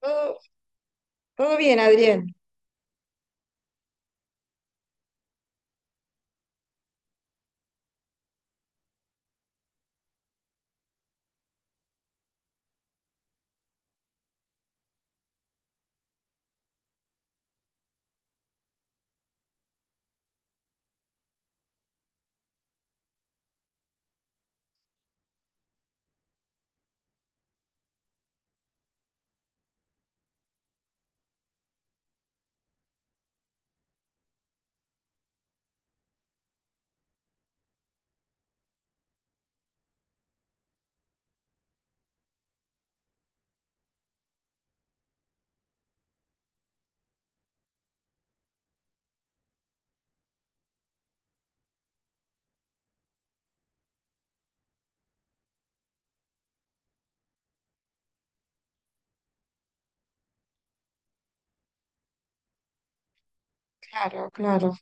Todo, todo bien, Adrián. Claro, claro.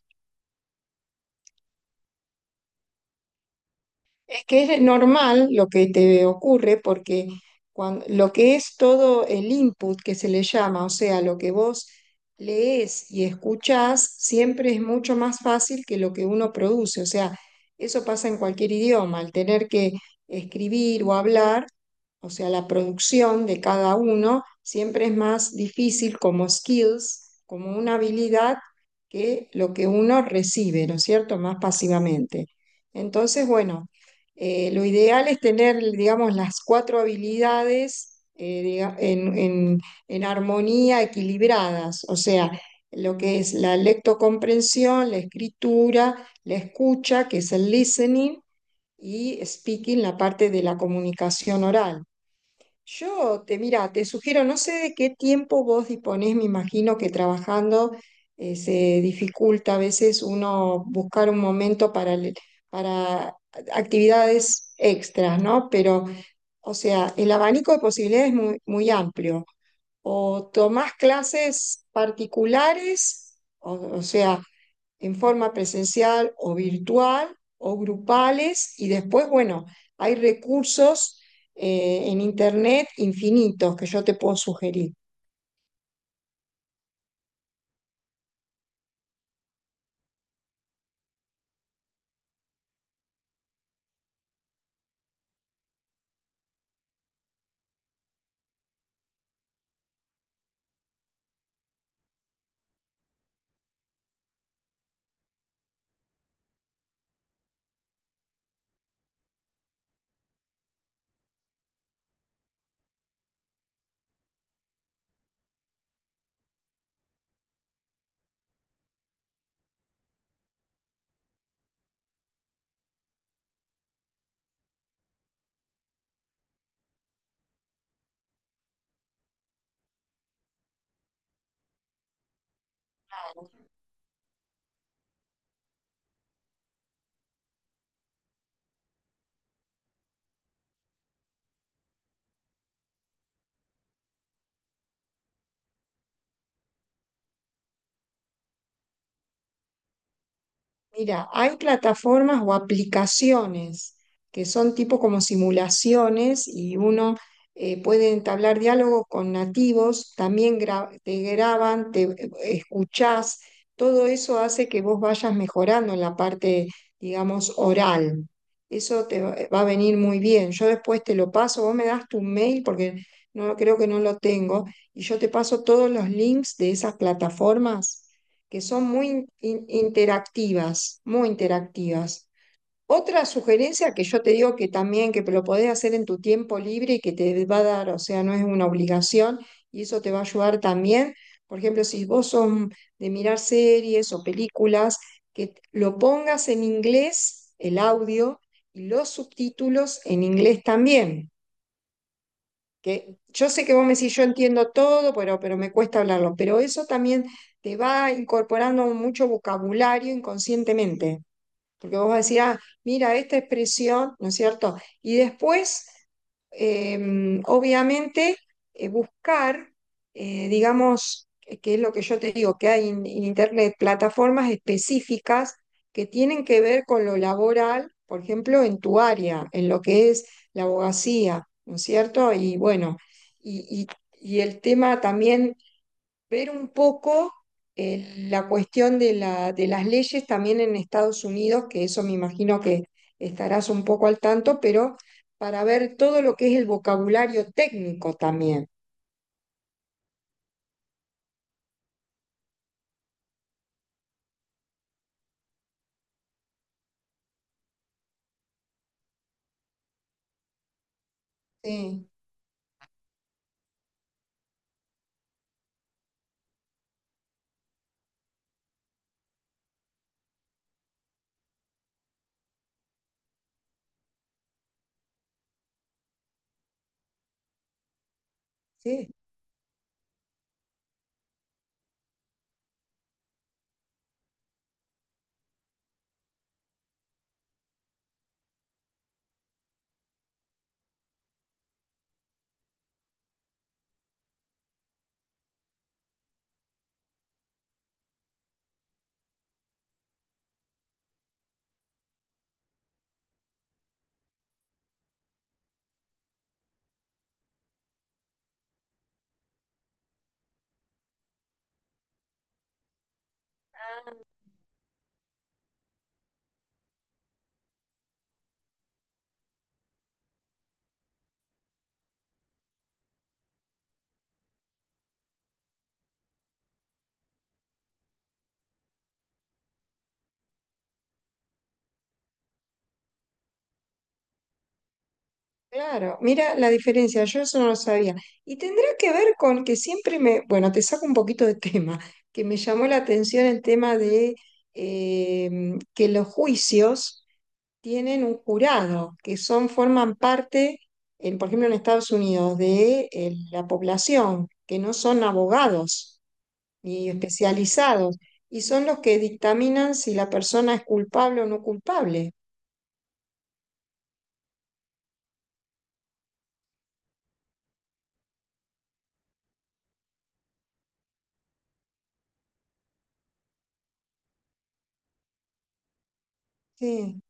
Es que es normal lo que te ocurre porque cuando, lo que es todo el input que se le llama, o sea, lo que vos lees y escuchás, siempre es mucho más fácil que lo que uno produce. O sea, eso pasa en cualquier idioma, al tener que escribir o hablar, o sea, la producción de cada uno siempre es más difícil como skills, como una habilidad, que lo que uno recibe, ¿no es cierto? Más pasivamente. Entonces, bueno. Lo ideal es tener, digamos, las cuatro habilidades en armonía, equilibradas, o sea, lo que es la lectocomprensión, la escritura, la escucha, que es el listening, y speaking, la parte de la comunicación oral. Yo te mira, te sugiero, no sé de qué tiempo vos disponés, me imagino que trabajando se dificulta a veces uno buscar un momento para, para actividades extras, ¿no? Pero, o sea, el abanico de posibilidades es muy, muy amplio. O tomás clases particulares, o sea, en forma presencial o virtual o grupales y después, bueno, hay recursos en Internet infinitos que yo te puedo sugerir. Mira, hay plataformas o aplicaciones que son tipo como simulaciones y uno puede entablar diálogo con nativos, también te graban, te escuchás, todo eso hace que vos vayas mejorando en la parte, digamos, oral. Eso te va a venir muy bien. Yo después te lo paso, vos me das tu mail porque no creo que no lo tengo y yo te paso todos los links de esas plataformas que son muy interactivas, muy interactivas. Otra sugerencia que yo te digo que también, que lo podés hacer en tu tiempo libre y que te va a dar, o sea, no es una obligación y eso te va a ayudar también, por ejemplo, si vos son de mirar series o películas, que lo pongas en inglés, el audio, y los subtítulos en inglés también que yo sé que vos me decís, yo entiendo todo, pero me cuesta hablarlo, pero eso también te va incorporando mucho vocabulario inconscientemente. Porque vos decías, mira, esta expresión, ¿no es cierto? Y después, eh, obviamente, buscar, digamos, que es lo que yo te digo, que hay en Internet plataformas específicas que tienen que ver con lo laboral, por ejemplo, en tu área, en lo que es la abogacía, ¿no es cierto? Y bueno, y, y- y el tema también ver un poco la cuestión de la, de las leyes también en Estados Unidos, que eso me imagino que estarás un poco al tanto, pero para ver todo lo que es el vocabulario técnico también. Sí, sí, claro. Mira la diferencia, yo eso no lo sabía. Y tendrá que ver con que siempre me, bueno, te saco un poquito de tema, que me llamó la atención el tema de eh, que los juicios tienen un jurado, que son, forman parte, en, por ejemplo, en Estados Unidos, de la población, que no son abogados ni especializados, y son los que dictaminan si la persona es culpable o no culpable. Sí,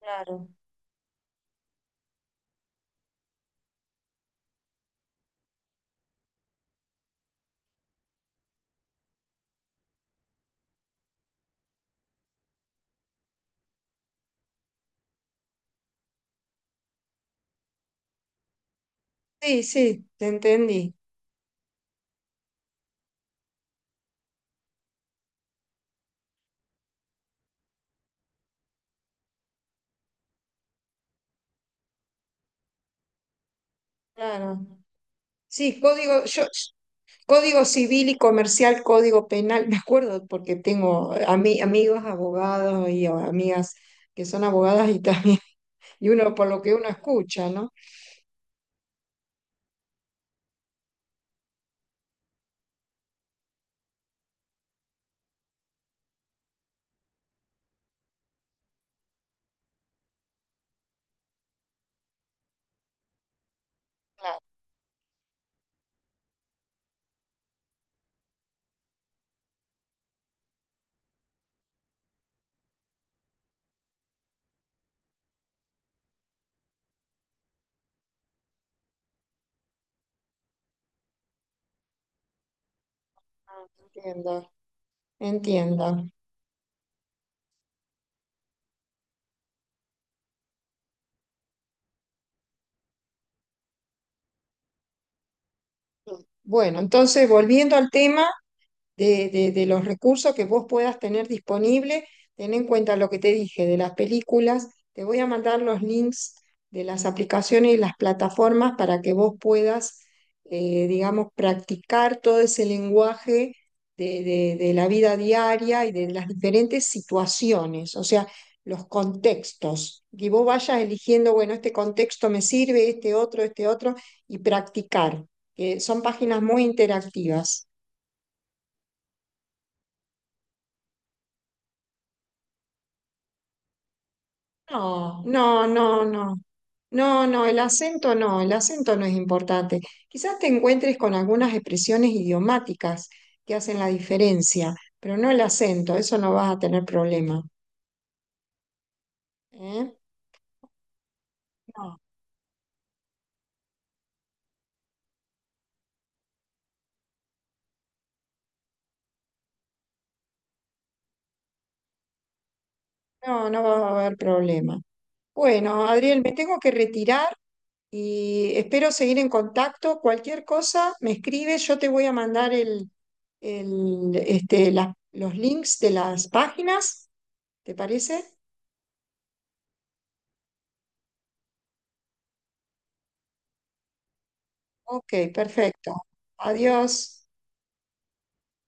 claro. Sí, sí, te entendí. Claro. Sí, código, yo, código civil y comercial, código penal, me acuerdo porque tengo amigos abogados y amigas que son abogadas y también, y uno por lo que uno escucha, ¿no? Entiendo, entiendo. Bueno, entonces volviendo al tema, de, de los recursos que vos puedas tener disponible. Ten en cuenta lo que te dije de las películas. Te voy a mandar los links de las aplicaciones y las plataformas para que vos puedas, digamos, practicar todo ese lenguaje de, de la vida diaria y de las diferentes situaciones, o sea, los contextos. Y vos vayas eligiendo, bueno, este contexto me sirve, este otro, y practicar, que son páginas muy interactivas. No, no, no, no. No, no, el acento no, el acento no es importante. Quizás te encuentres con algunas expresiones idiomáticas que hacen la diferencia, pero no el acento, eso no vas a tener problema. ¿Eh? No, no, no va a haber problema. Bueno, Adriel, me tengo que retirar y espero seguir en contacto. Cualquier cosa, me escribes, yo te voy a mandar el, este, los links de las páginas, ¿te parece? Ok, perfecto. Adiós.